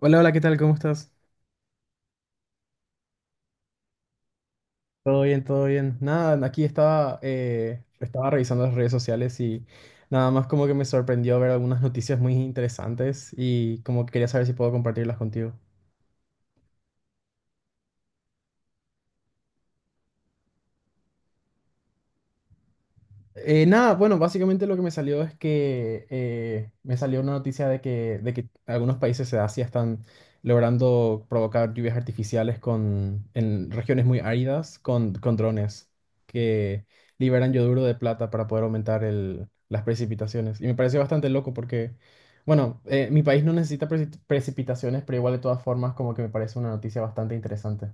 Hola, hola, ¿qué tal? ¿Cómo estás? Todo bien, todo bien. Nada, aquí estaba, estaba revisando las redes sociales y nada más como que me sorprendió ver algunas noticias muy interesantes y como que quería saber si puedo compartirlas contigo. Nada, bueno, básicamente lo que me salió es que me salió una noticia de que algunos países de Asia están logrando provocar lluvias artificiales con, en regiones muy áridas con drones que liberan yoduro de plata para poder aumentar las precipitaciones. Y me pareció bastante loco porque, bueno, mi país no necesita precipitaciones, pero igual de todas formas como que me parece una noticia bastante interesante.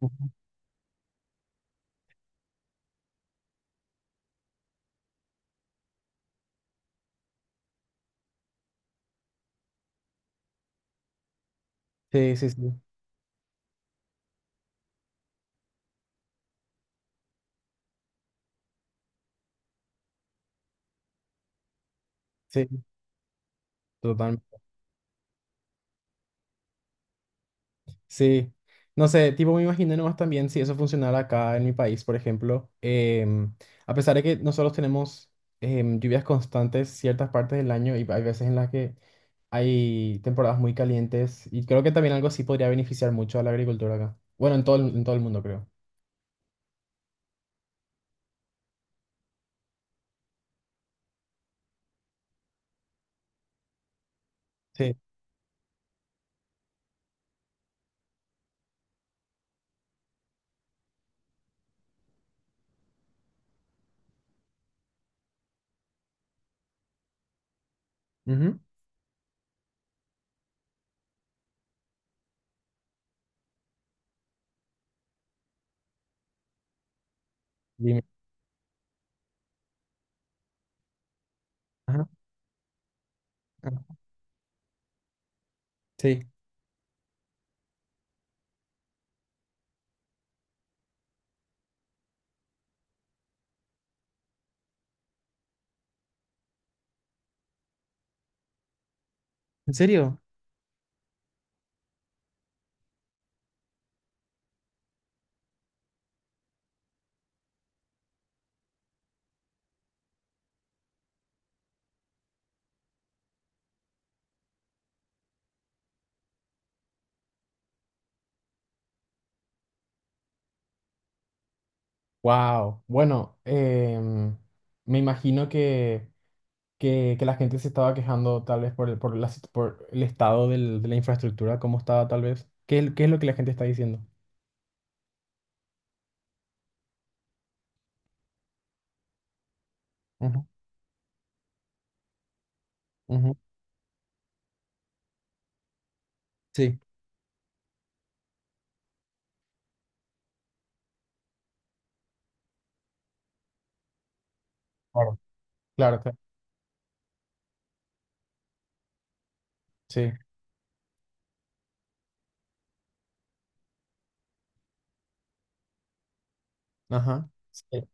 Ujú. Sí, sí, sí, sí, totalmente. Sí, no sé, tipo me imagino nomás también si eso funcionara acá en mi país, por ejemplo, a pesar de que nosotros tenemos lluvias constantes ciertas partes del año y hay veces en las que hay temporadas muy calientes y creo que también algo así podría beneficiar mucho a la agricultura acá. Bueno, en todo el mundo creo. Sí. Ujú. Dime. Ajá. Ah, sí. ¿En serio? Wow, bueno, me imagino que... que la gente se estaba quejando tal vez por por la por el estado de la infraestructura, cómo estaba tal vez. ¿Qué, qué es lo que la gente está diciendo? Ujú, ujú. Sí, claro, claro, claro. Sí, ajá, sí.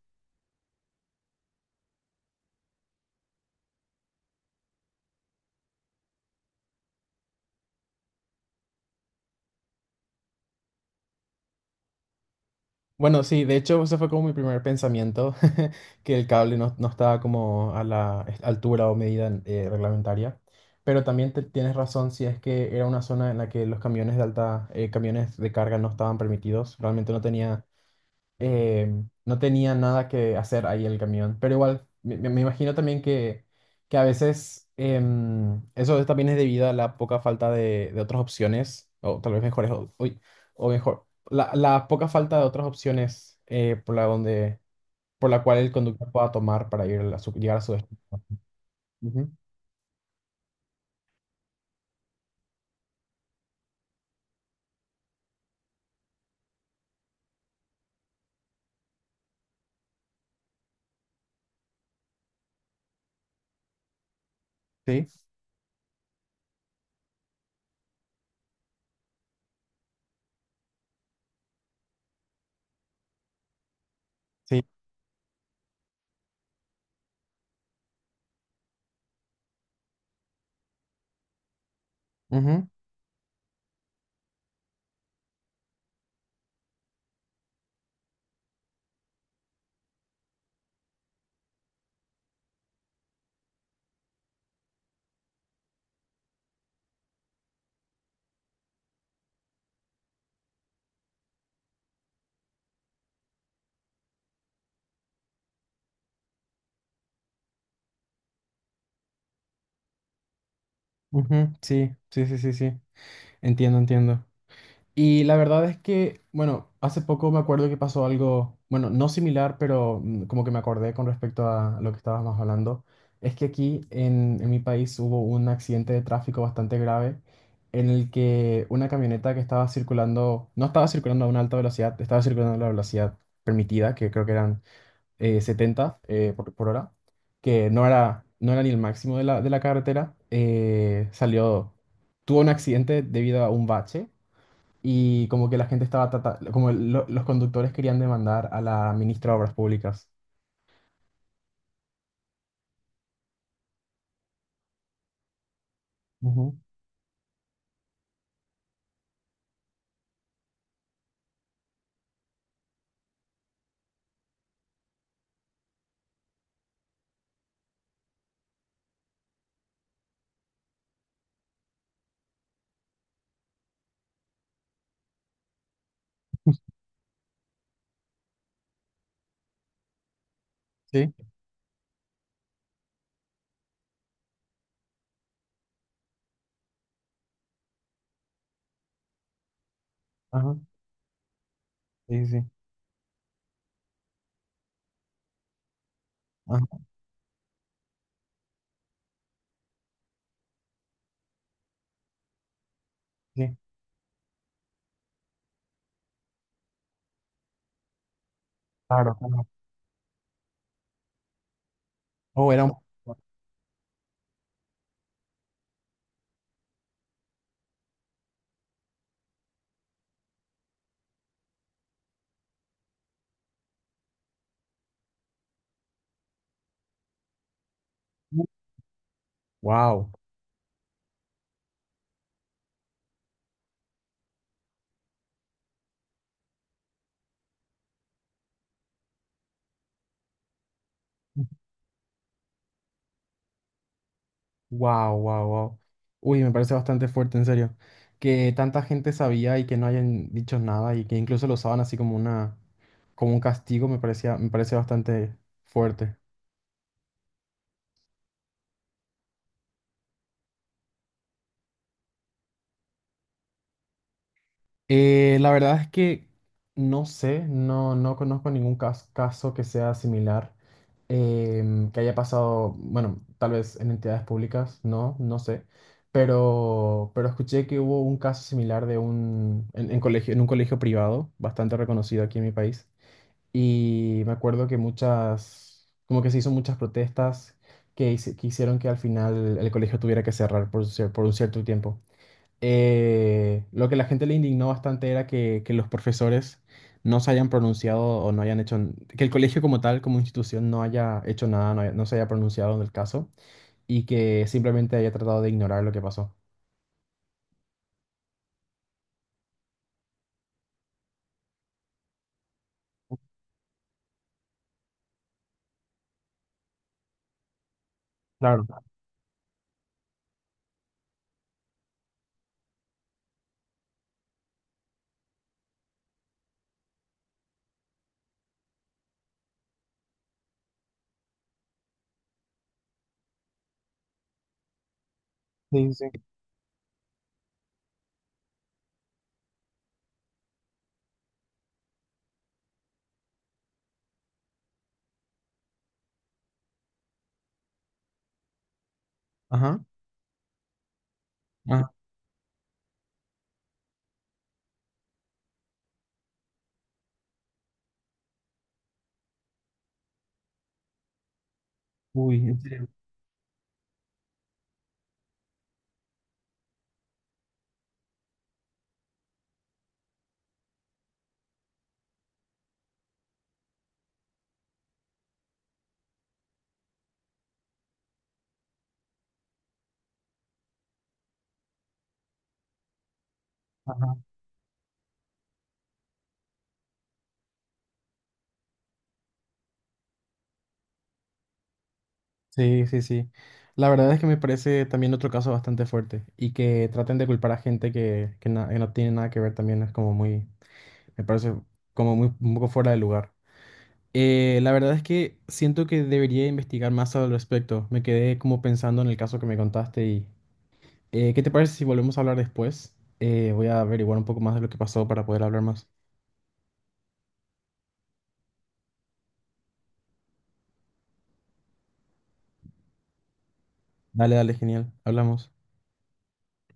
Bueno, sí, de hecho, ese fue como mi primer pensamiento, que el cable no, no estaba como a la altura o medida reglamentaria. Pero también tienes razón si es que era una zona en la que los camiones de alta, camiones de carga no estaban permitidos. Realmente no tenía eh, no tenía nada que hacer ahí el camión. Pero igual, me imagino también que a veces eso también es debido a la poca falta de otras opciones, o tal vez mejores, o, uy, o mejor, la poca falta de otras opciones por la donde, por la cual el conductor pueda tomar para ir a llegar a su destino. Ujú, sí, sí. Ujú, ujú, sí, sí, sí, sí, sí. Entiendo, entiendo. Y la verdad es que, bueno, hace poco me acuerdo que pasó algo, bueno, no similar, pero mm, como que me acordé con respecto a lo que estabas más hablando. Es que aquí en mi país hubo un accidente de tráfico bastante grave en el que una camioneta que estaba circulando, no estaba circulando a una alta velocidad, estaba circulando a la velocidad permitida, que creo que eran 70 por hora, que no era, no era ni el máximo de de la carretera, salió, tuvo un accidente debido a un bache y como que la gente estaba, como los conductores querían demandar a la ministra de Obras Públicas. Ujú, sí, ajá, sí, sí, ajá, sí, claro, claro. Oh, era un... Wow, wow, wow, wow. Uy, me parece bastante fuerte, en serio. Que tanta gente sabía y que no hayan dicho nada y que incluso lo usaban así como una, como un castigo, me parecía, me parece bastante fuerte. La verdad es que no sé, no, no conozco ningún caso que sea similar, que haya pasado, bueno, tal vez en entidades públicas, no, no sé, pero escuché que hubo un caso similar de un, en colegio, en un colegio privado, bastante reconocido aquí en mi país, y me acuerdo que muchas, como que se hizo muchas protestas que, que hicieron que al final el colegio tuviera que cerrar por, por un cierto tiempo. Lo que la gente le indignó bastante era que los profesores no se hayan pronunciado o no hayan hecho, que el colegio como tal, como institución, no haya hecho nada, no, no se haya pronunciado en el caso y que simplemente haya tratado de ignorar lo que pasó. Claro. Sí, sí. Ajá. Ah, uy, en serio. Ajá. Sí, sí, sí. La verdad es que me parece también otro caso bastante fuerte y que traten de culpar a gente que, que no tiene nada que ver también es como muy, me parece como muy un poco fuera de lugar. La verdad es que siento que debería investigar más al respecto. Me quedé como pensando en el caso que me contaste y ¿qué te parece si volvemos a hablar después? Voy a averiguar un poco más de lo que pasó para poder hablar más. Dale, dale, genial. Hablamos.